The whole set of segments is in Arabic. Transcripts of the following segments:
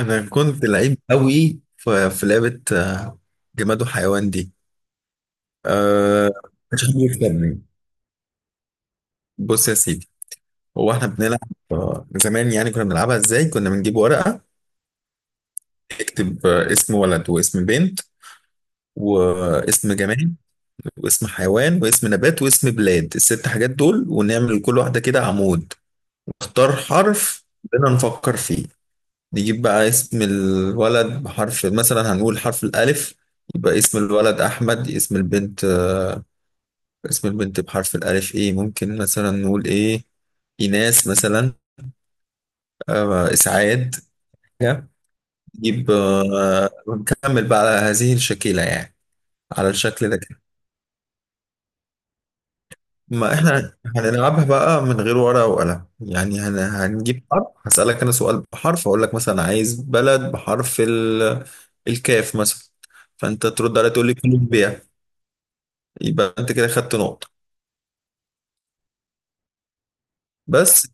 انا كنت لعيب قوي في لعبه جماد وحيوان دي. أه، مش حد يكسبني. بص يا سيدي، هو احنا بنلعب زمان، يعني كنا بنلعبها ازاي؟ كنا بنجيب ورقه نكتب اسم ولد واسم بنت واسم جماد واسم حيوان واسم نبات واسم بلاد، الست حاجات دول، ونعمل كل واحده كده عمود. نختار حرف بدنا نفكر فيه، نجيب بقى اسم الولد بحرف، مثلا هنقول حرف الألف، يبقى اسم الولد أحمد. اسم البنت اسم البنت بحرف الألف إيه؟ ممكن مثلا نقول إيه، إيناس مثلا، إسعاد. نجيب ونكمل بقى على هذه الشكلة يعني، على الشكل ده. ما احنا هنلعبها بقى من غير ورقة وقلم، يعني هنجيب حرف، هسألك انا سؤال بحرف، اقول لك مثلا عايز بلد بحرف الكاف مثلا، فانت ترد عليا تقول لي كولومبيا، يبقى انت كده خدت نقطة بس.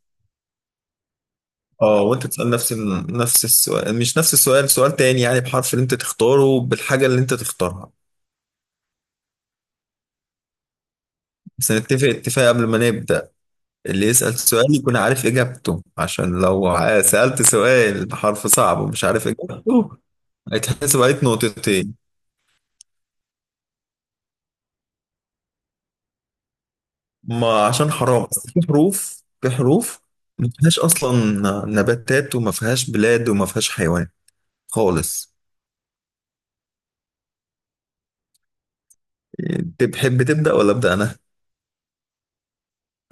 اه، وانت تسأل نفس ال- نفس السؤال مش نفس السؤال، سؤال تاني، يعني بحرف اللي انت تختاره بالحاجة اللي انت تختارها. بس نتفق اتفاق قبل ما نبدأ: اللي يسأل سؤال يكون عارف إجابته، عشان لو سألت سؤال بحرف صعب ومش عارف إجابته هيتحسب عليك نقطتين، ما عشان حرام. بس في حروف، ما فيهاش أصلا نباتات، وما فيهاش بلاد، وما فيهاش حيوان خالص. تحب تبدأ ولا أبدأ أنا؟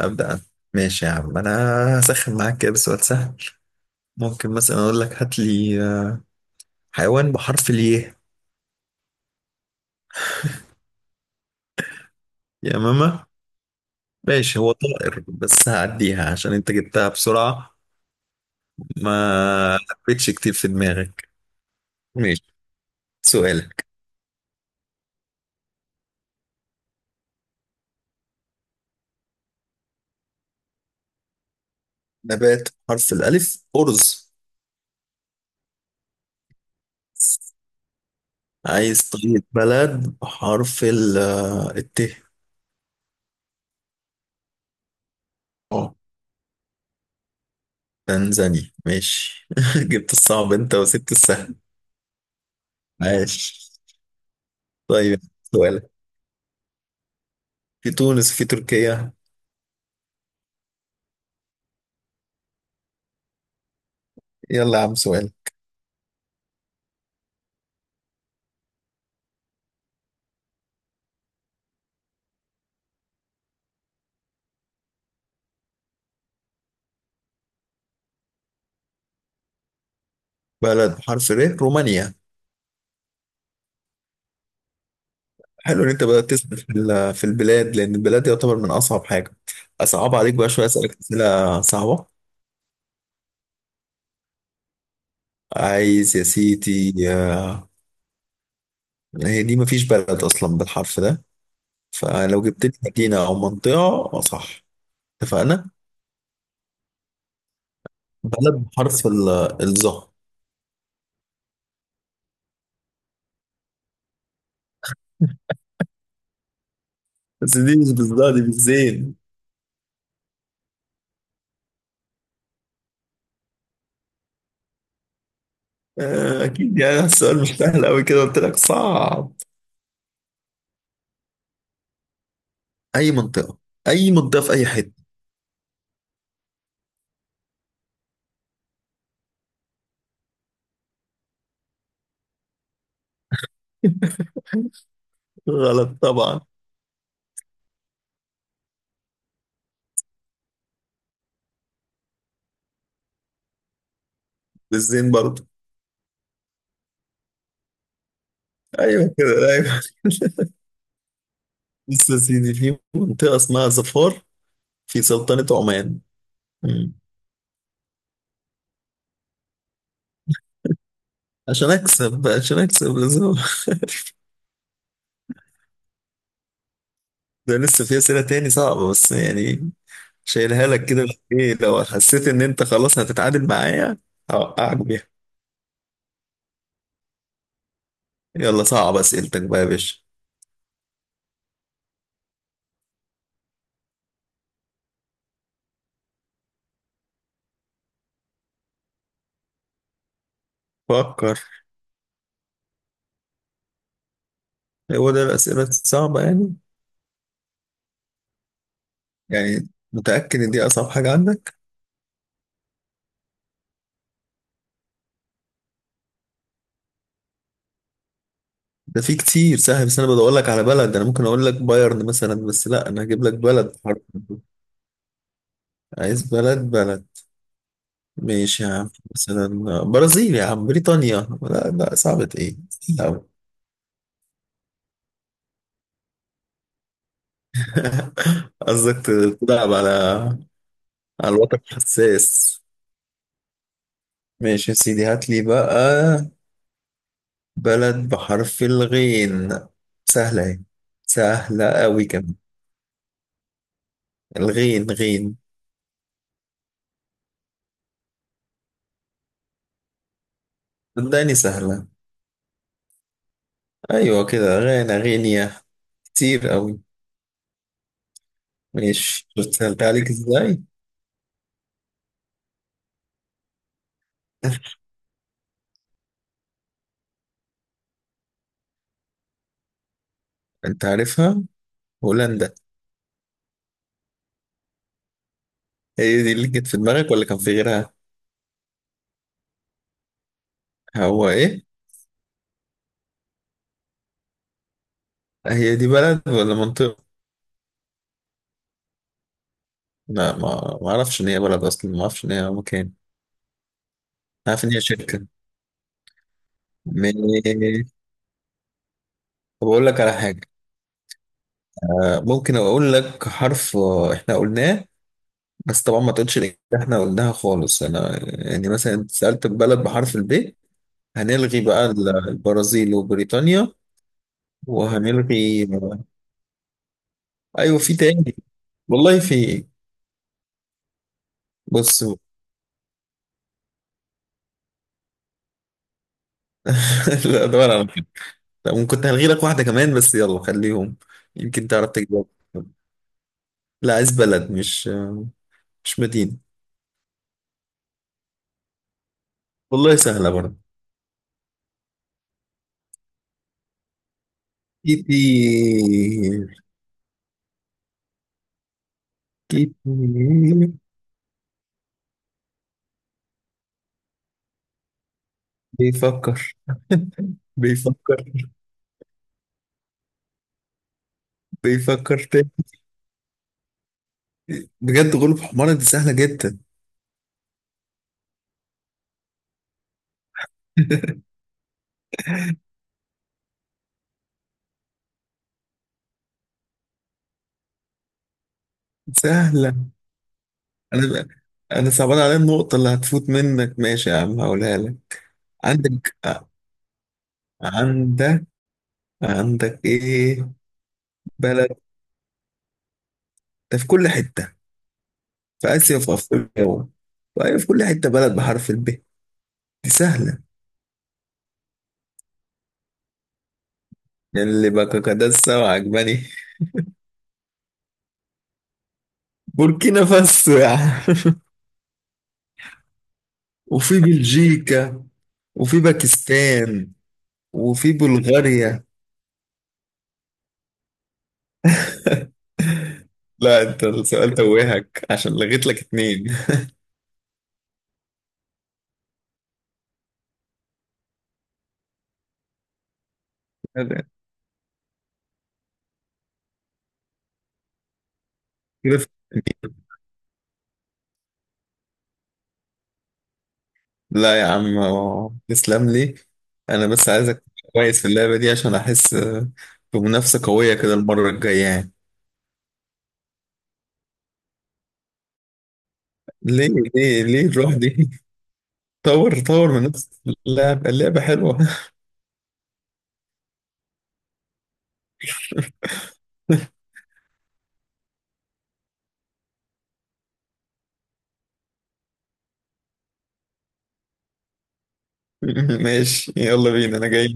أبدأ أنا. ماشي يا عم، أنا هسخن معاك كده بسؤال سهل. ممكن مثلا أقول لك هات لي حيوان بحرف الياء. يا ماما، ماشي، هو طائر بس هعديها عشان أنت جبتها بسرعة، ما حبيتش كتير في دماغك. ماشي، سؤالك. نبات حرف الألف أرز. عايز طريقة بلد بحرف ال الت. اه، تنزانيا ماشي، جبت الصعب انت وسبت السهل. ماشي، طيب، سؤالك، في تونس، في تركيا. يلا يا عم سؤال. بلد بحرف ر، رومانيا. حلو ان انت بدأت تسأل في في البلاد، لان البلاد يعتبر من اصعب حاجة. اصعب عليك بقى شوية، اسألك اسئلة صعبة. عايز يا سيدي هي دي مفيش بلد أصلا بالحرف ده، فلو جبت لي مدينة أو منطقة صح، اتفقنا. بلد بحرف الظا. بس دي مش بالظا، دي بالزين. أكيد يعني السؤال مش سهل أوي كده، قلت لك صعب. أي منطقة، أي منطقة في أي حتة. غلط طبعا. بالزين برضه. أيوه كده، أيوه. بص يا سيدي، في منطقة اسمها ظفار في سلطنة عمان. مم. عشان أكسب، لازم ده لسه في أسئلة تاني صعبة بس يعني، شايلها لك كده. ايه لو حسيت ان انت خلاص هتتعادل معايا، هوقعك بيها. يلا صعب اسئلتك بقى يا باشا. فكر. هو ده الاسئله الصعبه يعني؟ يعني متاكد ان دي اصعب حاجه عندك؟ ده في كتير سهل، بس انا بدور لك على بلد. انا ممكن اقول لك بايرن مثلا، بس لا، انا هجيب لك بلد حرف. عايز بلد، بلد. ماشي يا عم، مثلا برازيل يا عم، بريطانيا، لا لا صعبة ايه. لا. قصدك تلعب على الوتر الحساس. ماشي يا سيدي، هات لي بقى بلد بحرف الغين. سهلة اهي، سهلة أوي كمان. الغين غين. صدقني سهلة. أيوة كده، غانا، غينيا، كتير أوي. ماشي، شفت سهلتها عليك ازاي. أنت عارفها، هولندا. هي دي اللي جت في دماغك ولا كان في غيرها؟ هو إيه؟ هي دي بلد ولا منطقة؟ لا ما أعرفش إن هي بلد أصلا، ما أعرفش إن هي مكان. عارف إن هي شركة. ماشي. طب أقول لك على حاجة. ممكن اقول لك حرف احنا قلناه، بس طبعا ما تقولش الإجابة اللي احنا قلناها خالص. انا يعني مثلا انت سألت بلد بحرف الب، هنلغي بقى البرازيل وبريطانيا. وهنلغي ايوه في تاني، والله في. بص لا دور على كده. طب ممكن هلغي لك واحدة كمان، بس يلا خليهم يمكن تعرف تجاوب. لا عايز بلد، مش مش مدينة. والله سهلة برضه. كيتي. كيتي. بيفكر. بيفكر. بيفكر تاني. بجد غلب حمارة، دي سهلة جدا. سهلة. أنا أنا صعبان عليا النقطة اللي هتفوت منك. ماشي يا عم، هقولها لك. عندك عندك عندك إيه؟ بلد، ده في كل حتة، في آسيا وفي أفريقيا و- وأيوة في كل حتة، بلد بحرف الب دي سهلة، يعني اللي بكاكادسا وعجباني. بوركينا فاسو يا عم. وفي بلجيكا وفي باكستان وفي بلغاريا. لا انت السؤال توهك عشان لغيت لك اتنين. كده-. لا يا عم، تسلم لي، انا بس عايزك تبقى كويس في اللعبة دي عشان احس بمنافسة قوية كده المرة الجاية يعني. ليه؟ ليه الروح دي. طور من نفسك في اللعبة، اللعبة حلوة. ماشي يلا بينا، انا جاي.